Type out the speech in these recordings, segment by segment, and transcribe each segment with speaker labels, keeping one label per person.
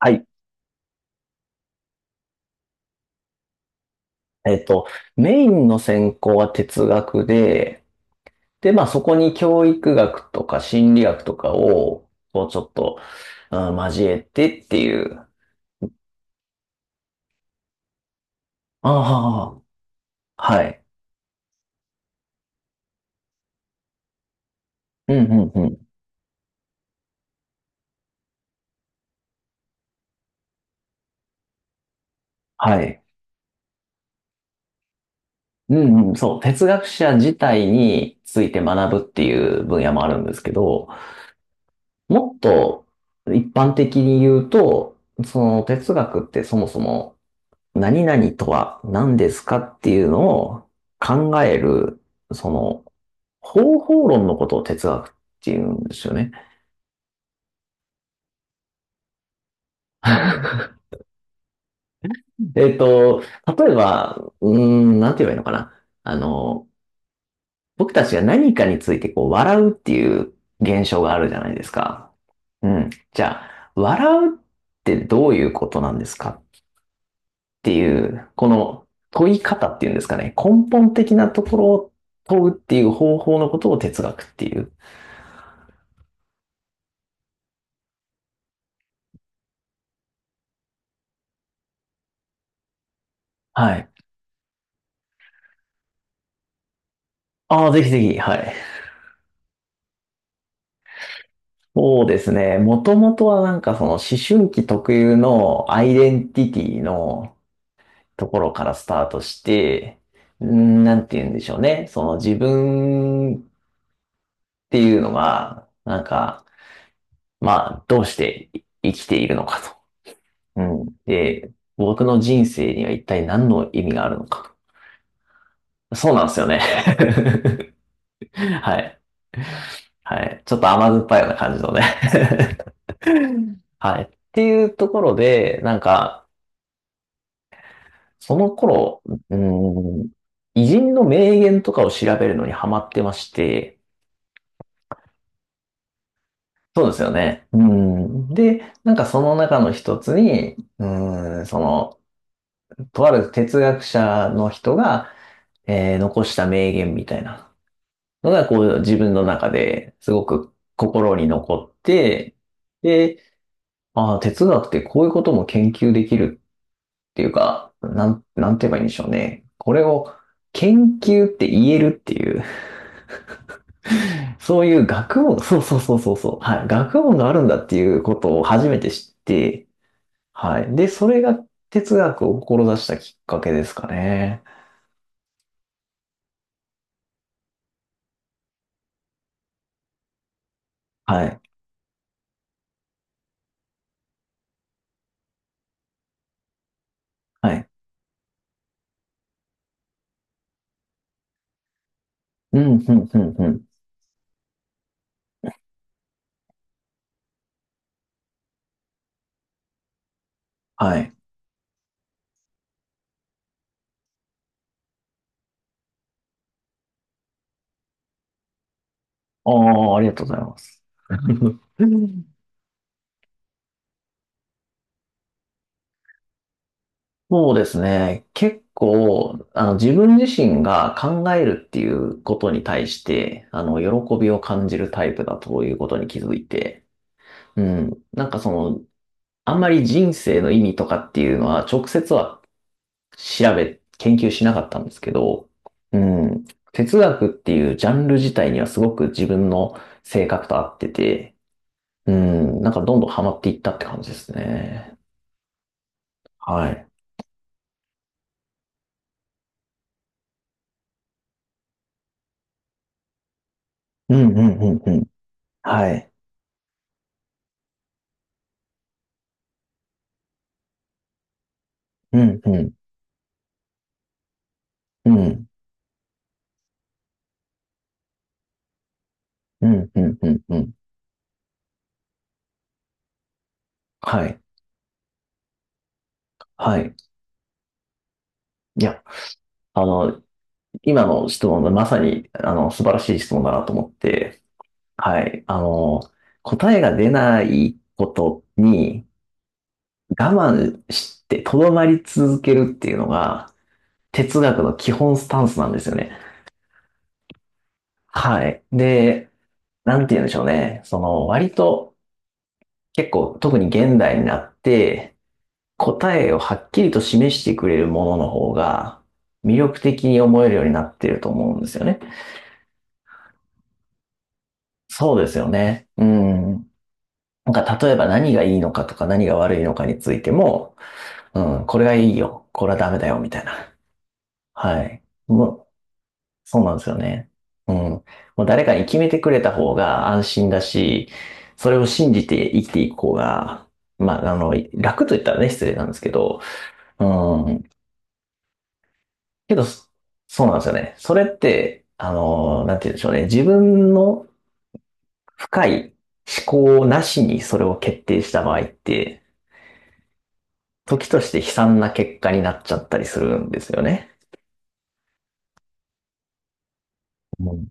Speaker 1: はい。えっと、メインの専攻は哲学で、で、まあそこに教育学とか心理学とかを、こうちょっと、うん交えてっていう。ああ、はい。うんうんうん。はい。うんうん、そう。哲学者自体について学ぶっていう分野もあるんですけど、もっと一般的に言うと、その哲学ってそもそも何々とは何ですかっていうのを考える、その、方法論のことを哲学っていうんですよね。えっと、例えば、なんて言えばいいのかな。あの、僕たちが何かについてこう笑うっていう現象があるじゃないですか。うん。じゃあ、笑うってどういうことなんですかっていう、この問い方っていうんですかね。根本的なところを問うっていう方法のことを哲学っていう。はい。ああ、ぜひぜひ、はい。そうですね。もともとはなんかその思春期特有のアイデンティティのところからスタートして、なんて言うんでしょうね。その自分っていうのが、なんか、まあ、どうして生きているのかと。うん。で、僕の人生には一体何の意味があるのかと。そうなんですよね。はい。はい。ちょっと甘酸っぱいような感じのね。はい。っていうところで、なんか、その頃、うーん、偉人の名言とかを調べるのにハマってまして、そうですよね。うん。で、なんかその中の一つに、うん、その、とある哲学者の人が、残した名言みたいなのが、こう、自分の中ですごく心に残って、で、ああ、哲学ってこういうことも研究できるっていうか、なんて言えばいいんでしょうね。これを研究って言えるっていう、そういう学問、そうそうそうそうそう、はい、学問があるんだっていうことを初めて知って、はい。で、それが哲学を志したきっかけですかね。はい。はい。うん、うん、うん、うん。はい。ああ、ありがとうございます。そうですね。結構、あの、自分自身が考えるっていうことに対して、あの、喜びを感じるタイプだということに気づいて、うん。なんかその、あんまり人生の意味とかっていうのは、直接は研究しなかったんですけど、うん。哲学っていうジャンル自体にはすごく自分の性格と合ってて、うん。なんかどんどんハマっていったって感じですね。はい。うんうんうんうん。はい。うんうん。うん。うん、うん、うん、うん。はい、はい。いや、あの、今の質問がまさに、あの、素晴らしい質問だなと思って、はい、あの、答えが出ないことに我慢して、とどまり続けるっていうのが、哲学の基本スタンスなんですよね。はい。で、なんて言うんでしょうね。その、割と、結構、特に現代になって、答えをはっきりと示してくれるものの方が魅力的に思えるようになっていると思うんですよね。そうですよね。うん。なんか例えば何がいいのかとか何が悪いのかについても、うん、これがいいよ、これはダメだよ、みたいな。はい。もう、そうなんですよね。うん。もう誰かに決めてくれた方が安心だし、それを信じて生きていく方が、まあ、あの、楽と言ったらね、失礼なんですけど、うん、けど、そうなんですよね。それって、なんて言うんでしょうね。自分の深い思考なしにそれを決定した場合って、時として悲惨な結果になっちゃったりするんですよね。うん、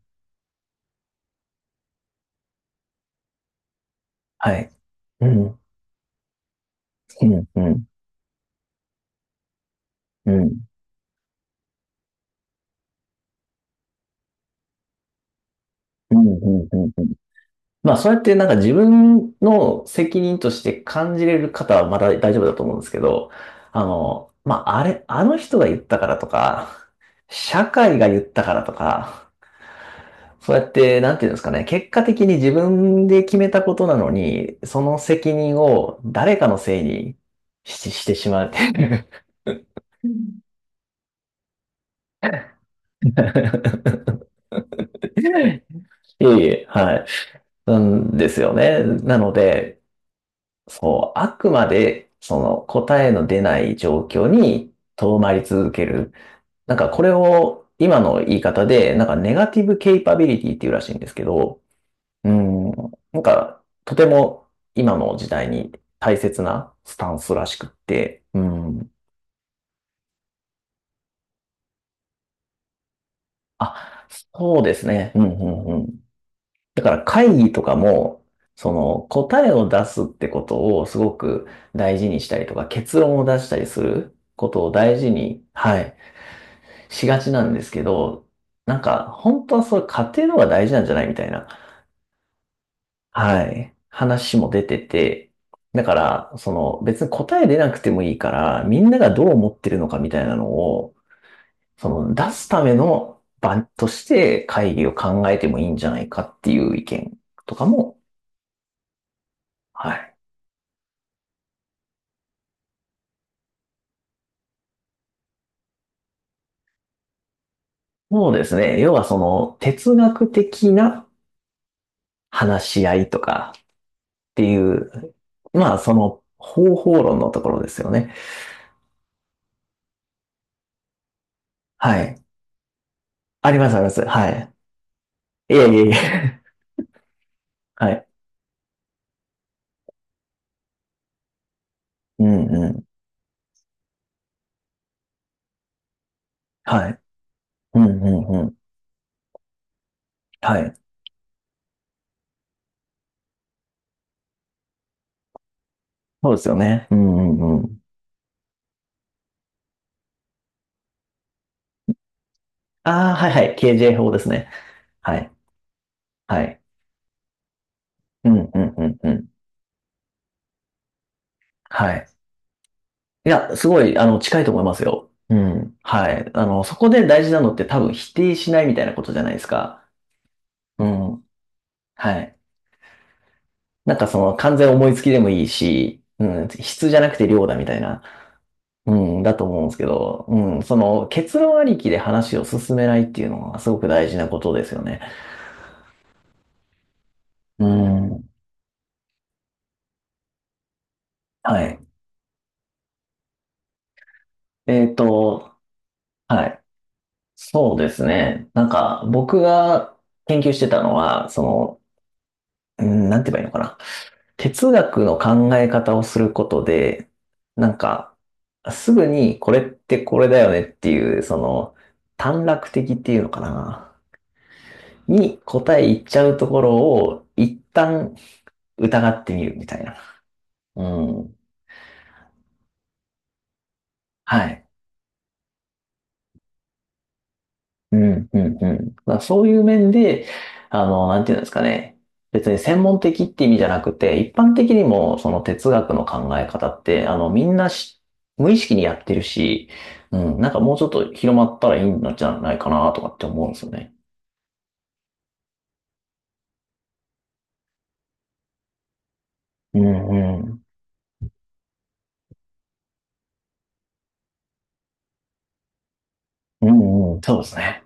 Speaker 1: はい。うん、うん、うん、うん、うん、うん、うん。うんまあ、それってなんか自分の責任として感じれる方はまだ大丈夫だと思うんですけど、あの、まあ、あれ、あの人が言ったからとか、社会が言ったからとか、そうやって、なんていうんですかね、結果的に自分で決めたことなのに、その責任を誰かのせいにしてしまうっていう。いえいえ、はい。なんですよね。なので、そう、あくまで、その答えの出ない状況に留まり続ける。なんかこれを今の言い方で、なんかネガティブケイパビリティっていうらしいんですけど、うん。なんか、とても今の時代に大切なスタンスらしくって。うん。あ、そうですね。うん、うん、うん。だから会議とかも、その答えを出すってことをすごく大事にしたりとか、結論を出したりすることを大事に、はい、しがちなんですけど、なんか、本当はそれ過程の方が大事なんじゃないみたいな。はい。話も出てて、だから、その別に答え出なくてもいいから、みんながどう思ってるのかみたいなのを、その出すための場として会議を考えてもいいんじゃないかっていう意見とかも、はい。そうですね。要はその哲学的な話し合いとかっていう、まあその方法論のところですよね。はい。ありますあります。はい。いえいえいえ。はい。うんうん。はい。うんうんうん。はい。そうですよね。うんうんうん。ああ、はいはい。KJ 法ですね。はい。はい。うんうんうんうん。はい。いや、すごい、あの、近いと思いますよ。うん。はい。あの、そこで大事なのって多分否定しないみたいなことじゃないですか。うん。はい。なんかその完全思いつきでもいいし、うん、質じゃなくて量だみたいな、うん、だと思うんですけど、うん、その結論ありきで話を進めないっていうのはすごく大事なことですよね。うん。はい。えっと、はい。そうですね。なんか、僕が研究してたのは、その、うんなんて言えばいいのかな。哲学の考え方をすることで、なんか、すぐにこれってこれだよねっていう、その、短絡的っていうのかな。に答え言っちゃうところを、一旦疑ってみるみたいな。うん。はい。うんうんうん。まあ、そういう面で、あの、なんていうんですかね。別に専門的って意味じゃなくて、一般的にもその哲学の考え方って、あの、みんな無意識にやってるし、うん、なんかもうちょっと広まったらいいんじゃないかなとかって思うんですよね。うんうん。うんうん、そうですね。